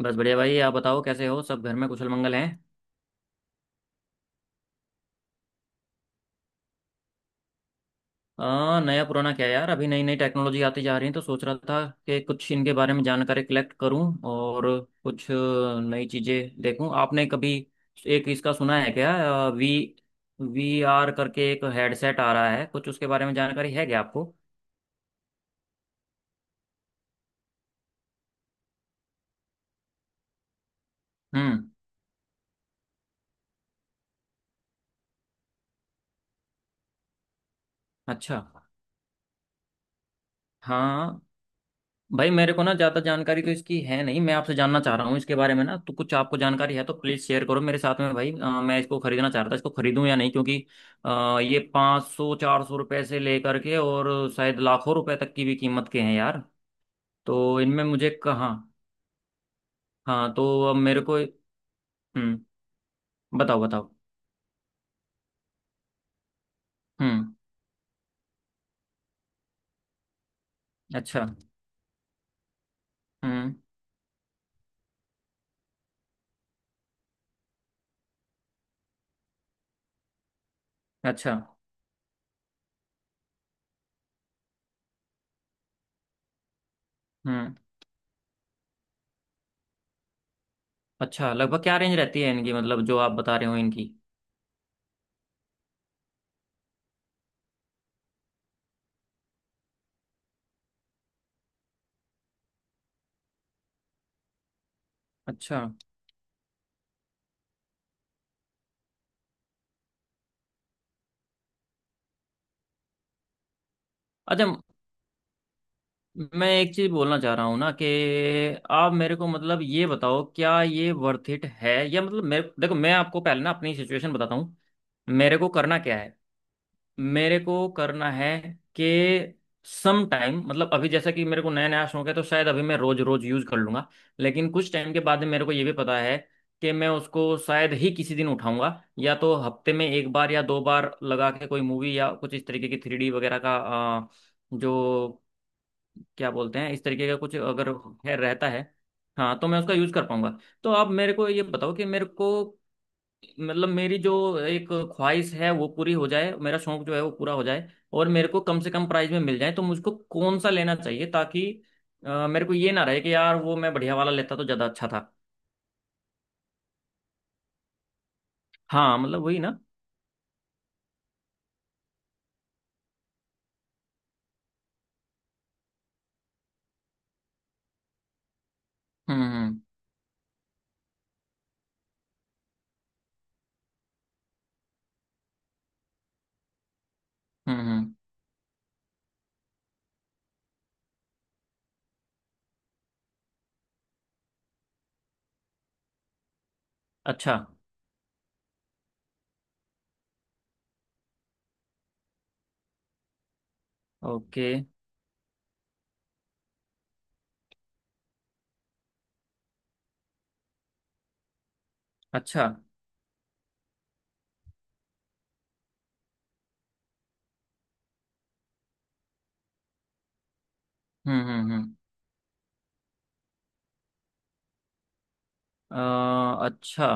बस बढ़िया भाई। आप बताओ कैसे हो, सब घर में कुशल मंगल हैं। नया पुराना क्या यार, अभी नई नई टेक्नोलॉजी आती जा रही है तो सोच रहा था कि कुछ इनके बारे में जानकारी कलेक्ट करूं और कुछ नई चीज़ें देखूं। आपने कभी एक इसका सुना है क्या, वी वी आर करके एक हेडसेट आ रहा है, कुछ उसके बारे में जानकारी है क्या आपको? हम्म। अच्छा। हाँ भाई, मेरे को ना ज्यादा जानकारी तो इसकी है नहीं, मैं आपसे जानना चाह रहा हूँ इसके बारे में ना, तो कुछ आपको जानकारी है तो प्लीज शेयर करो मेरे साथ में भाई। मैं इसको खरीदना चाह रहा था, इसको खरीदूं या नहीं क्योंकि ये 500 400 रुपए से लेकर के और शायद लाखों रुपए तक की भी कीमत के हैं यार। तो इनमें मुझे कहाँ, हाँ। हाँ, तो अब मेरे को। हम्म। बताओ बताओ। हम्म। अच्छा। हम्म। अच्छा। हम्म। अच्छा, लगभग क्या रेंज रहती है इनकी, मतलब जो आप बता रहे हो इनकी? अच्छा। अच्छा, मैं एक चीज बोलना चाह रहा हूँ ना कि आप मेरे को मतलब ये बताओ क्या ये वर्थ इट है या मतलब। मेरे, देखो मैं आपको पहले ना अपनी सिचुएशन बताता हूँ, मेरे को करना क्या है। मेरे को करना है कि सम टाइम, मतलब अभी जैसा कि मेरे को नया नया शौक है तो शायद अभी मैं रोज रोज यूज कर लूंगा, लेकिन कुछ टाइम के बाद में मेरे को ये भी पता है कि मैं उसको शायद ही किसी दिन उठाऊंगा, या तो हफ्ते में एक बार या दो बार लगा के कोई मूवी या कुछ इस तरीके की 3D वगैरह का अ, जो क्या बोलते हैं इस तरीके का कुछ अगर है रहता है, हाँ तो मैं उसका यूज़ कर पाऊंगा। तो आप मेरे को ये बताओ कि मेरे को, मतलब मेरी जो एक ख्वाहिश है वो पूरी हो जाए, मेरा शौक जो है वो पूरा हो जाए और मेरे को कम से कम प्राइस में मिल जाए, तो मुझको कौन सा लेना चाहिए ताकि मेरे को ये ना रहे कि यार वो मैं बढ़िया वाला लेता तो ज़्यादा अच्छा था। हाँ मतलब वही ना। हम्म हम्म हम्म हम्म, अच्छा। ओके। अच्छा। हम्म। अच्छा।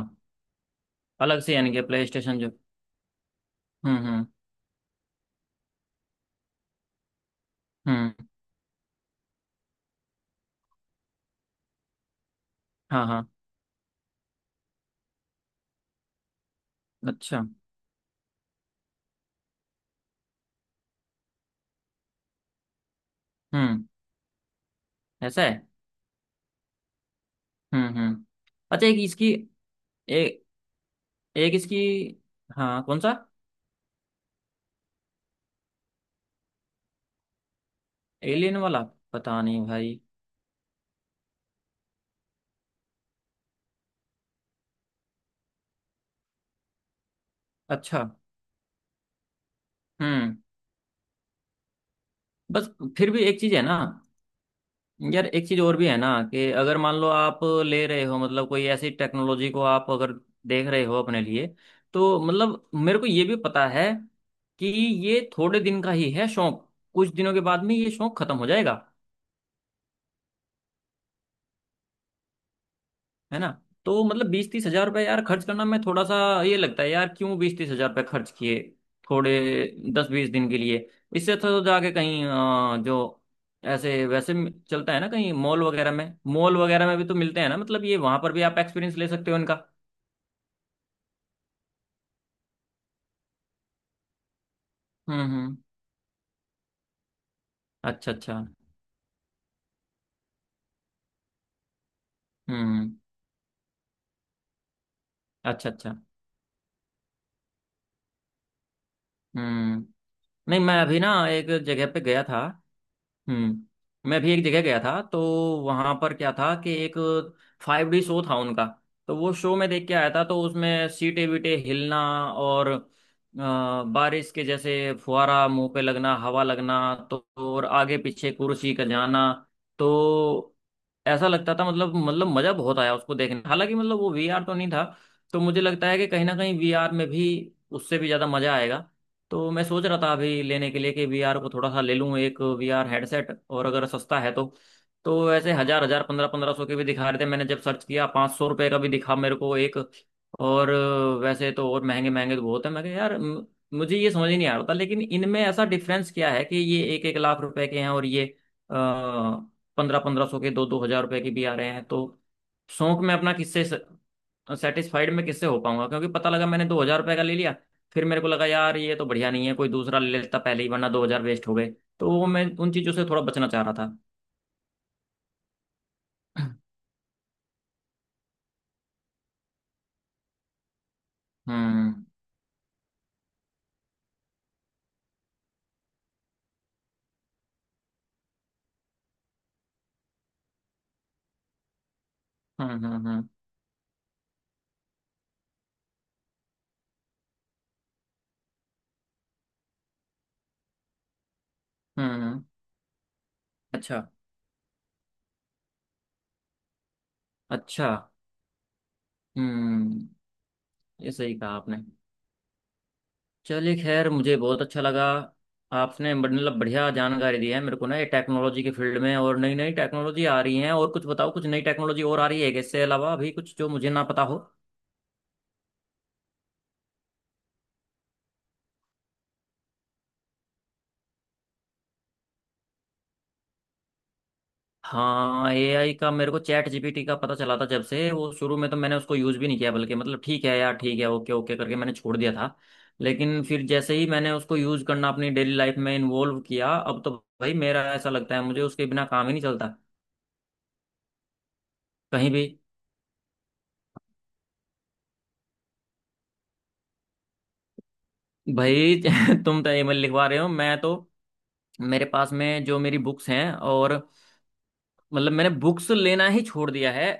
अलग से यानी कि प्ले स्टेशन जो। हम्म हम्म हम्म। हाँ हाँ। अच्छा। हम्म। ऐसा है। हम्म। अच्छा, एक इसकी, एक, एक इसकी, हाँ कौन सा? एलियन वाला? पता नहीं भाई। अच्छा। हम्म। बस। फिर भी एक चीज है ना यार, एक चीज और भी है ना कि अगर मान लो आप ले रहे हो, मतलब कोई ऐसी टेक्नोलॉजी को आप अगर देख रहे हो अपने लिए, तो मतलब मेरे को ये भी पता है कि ये थोड़े दिन का ही है शौक, कुछ दिनों के बाद में ये शौक खत्म हो जाएगा, है ना। तो मतलब 20-30 हजार रुपये यार खर्च करना मैं थोड़ा सा, ये लगता है यार क्यों 20-30 हजार रुपये खर्च किए थोड़े 10-20 दिन के लिए। इससे अच्छा तो जाके कहीं, जो ऐसे वैसे चलता है ना कहीं मॉल वगैरह में, मॉल वगैरह में भी तो मिलते हैं ना, मतलब ये वहां पर भी आप एक्सपीरियंस ले सकते हो इनका। हम्म। अच्छा अच्छा। हम्म। अच्छा अच्छा। हम्म। नहीं मैं अभी ना एक जगह पे गया था। हम्म, मैं भी एक जगह गया था, तो वहां पर क्या था कि एक 5D शो था उनका, तो वो शो में देख के आया था, तो उसमें सीटे वीटे हिलना और बारिश के जैसे फुहारा मुंह पे लगना, हवा लगना, तो और आगे पीछे कुर्सी का जाना, तो ऐसा लगता था, मतलब मजा बहुत आया उसको देखने, हालांकि मतलब वो VR तो नहीं था। तो मुझे लगता है कि कहीं ना कहीं VR में भी उससे भी ज्यादा मजा आएगा। तो मैं सोच रहा था अभी लेने के लिए कि VR को थोड़ा सा ले लूँ एक VR हेडसेट, और अगर सस्ता है तो वैसे हजार हजार 1500-1500 के भी दिखा रहे थे, मैंने जब सर्च किया, 500 रुपये का भी दिखा मेरे को एक। और वैसे तो और महंगे महंगे तो बहुत है, मैं कहा यार मुझे ये समझ ही नहीं आ रहा था, लेकिन इनमें ऐसा डिफरेंस क्या है कि ये 1-1 लाख रुपए के हैं और ये 1500-1500 के, 2-2 हजार रुपए के भी आ रहे हैं। तो शौक में अपना किससे सेटिस्फाइड मैं किससे हो पाऊंगा, क्योंकि पता लगा मैंने 2000 रुपये का ले लिया, फिर मेरे को लगा यार ये तो बढ़िया नहीं है, कोई दूसरा ले लेता पहले ही वरना 2000 वेस्ट हो गए। तो वो मैं उन चीजों से थोड़ा बचना चाह रहा था। हम्म हम्म हम्म हम्म हम्म, हम्म, अच्छा। अच्छा। हम्म। ये सही कहा आपने। चलिए खैर, मुझे बहुत अच्छा लगा, आपने मतलब बढ़िया जानकारी दी है मेरे को ना ये टेक्नोलॉजी के फील्ड में। और नई नई टेक्नोलॉजी आ रही है और कुछ बताओ, कुछ नई टेक्नोलॉजी और आ रही है क्या? इससे अलावा अभी कुछ जो मुझे ना पता हो। हाँ AI का, मेरे को ChatGPT का पता चला था, जब से वो शुरू में तो मैंने उसको यूज़ भी नहीं किया, बल्कि मतलब ठीक है यार ठीक है ओके ओके करके मैंने छोड़ दिया था। लेकिन फिर जैसे ही मैंने उसको यूज़ करना अपनी डेली लाइफ में इन्वॉल्व किया, अब तो भाई, मेरा ऐसा लगता है मुझे उसके बिना काम ही नहीं चलता कहीं भी। भाई तुम तो ईमेल लिखवा रहे हो, मैं तो, मेरे पास में जो मेरी बुक्स हैं और, मतलब मैंने बुक्स लेना ही छोड़ दिया है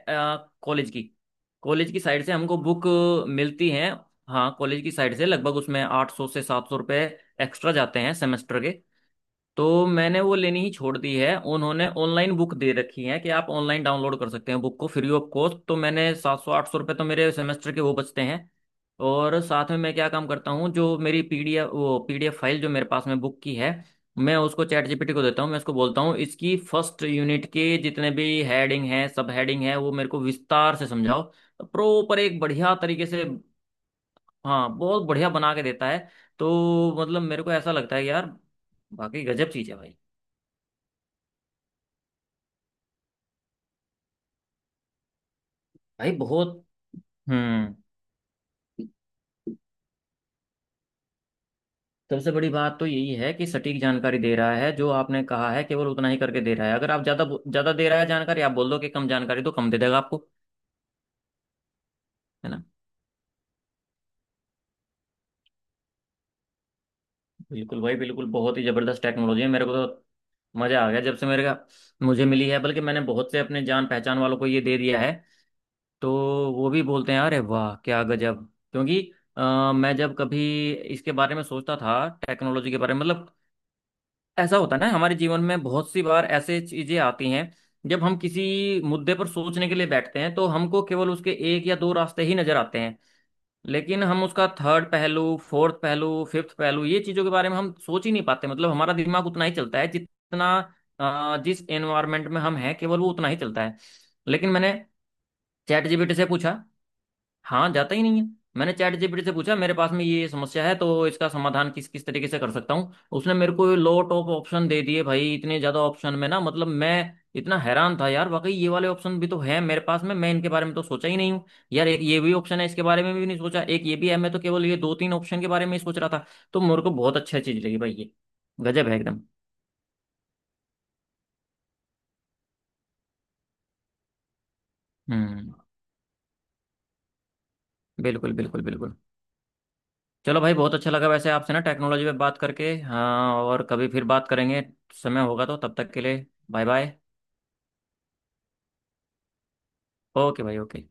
कॉलेज की। कॉलेज की साइड से हमको बुक मिलती हैं, हाँ कॉलेज की साइड से लगभग उसमें 800 से 700 रुपये एक्स्ट्रा जाते हैं सेमेस्टर के। तो मैंने वो लेनी ही छोड़ दी है, उन्होंने ऑनलाइन बुक दे रखी है कि आप ऑनलाइन डाउनलोड कर सकते हैं बुक को फ्री ऑफ कॉस्ट, तो मैंने 700 800 रुपये तो मेरे सेमेस्टर के वो बचते हैं। और साथ में मैं क्या काम करता हूँ, जो मेरी PDF, वो PDF फाइल जो मेरे पास में बुक की है, मैं उसको ChatGPT को देता हूँ, मैं उसको बोलता हूँ इसकी फर्स्ट यूनिट के जितने भी हेडिंग है सब हेडिंग है वो मेरे को विस्तार से समझाओ, प्रॉपर एक बढ़िया तरीके से। हाँ बहुत बढ़िया बना के देता है। तो मतलब मेरे को ऐसा लगता है यार, बाकी गजब चीज़ है भाई। भाई बहुत। हम्म। सबसे बड़ी बात तो यही है कि सटीक जानकारी दे रहा है, जो आपने कहा है केवल उतना ही करके दे रहा है, अगर आप ज्यादा ज्यादा दे रहा है जानकारी, आप बोल दो कि कम जानकारी तो कम दे देगा आपको, है ना। बिल्कुल भाई बिल्कुल, बहुत ही जबरदस्त टेक्नोलॉजी है, मेरे को तो मजा आ गया जब से मेरे का मुझे मिली है, बल्कि मैंने बहुत से अपने जान पहचान वालों को ये दे दिया है, तो वो भी बोलते हैं अरे वाह क्या गजब। क्योंकि मैं जब कभी इसके बारे में सोचता था, टेक्नोलॉजी के बारे में, मतलब ऐसा होता है ना हमारे जीवन में बहुत सी बार ऐसे चीजें आती हैं, जब हम किसी मुद्दे पर सोचने के लिए बैठते हैं तो हमको केवल उसके एक या दो रास्ते ही नजर आते हैं। लेकिन हम उसका थर्ड पहलू, फोर्थ पहलू, फिफ्थ पहलू, ये चीजों के बारे में हम सोच ही नहीं पाते, मतलब हमारा दिमाग उतना ही चलता है जितना जिस एनवायरमेंट में हम हैं, केवल वो उतना ही चलता है। लेकिन मैंने ChatGPT से पूछा। हाँ जाता ही नहीं है। मैंने चैट जीपीटी से पूछा मेरे पास में ये समस्या है तो इसका समाधान किस किस तरीके से कर सकता हूँ, उसने मेरे को लो टॉप ऑप्शन दे दिए भाई, इतने ज्यादा ऑप्शन में ना, मतलब मैं इतना हैरान था यार वाकई ये वाले ऑप्शन भी तो है मेरे पास में, मैं इनके बारे में तो सोचा ही नहीं हूँ। यार एक ये भी ऑप्शन है, इसके बारे में भी नहीं सोचा, एक ये भी है, मैं तो केवल ये दो तीन ऑप्शन के बारे में ही सोच रहा था। तो मेरे को बहुत अच्छा चीज लगी भाई ये, गजब है एकदम। हम्म। बिल्कुल बिल्कुल बिल्कुल। चलो भाई बहुत अच्छा लगा वैसे आपसे ना टेक्नोलॉजी पे बात करके, हाँ और कभी फिर बात करेंगे, समय होगा तो। तब तक के लिए बाय बाय। ओके भाई ओके।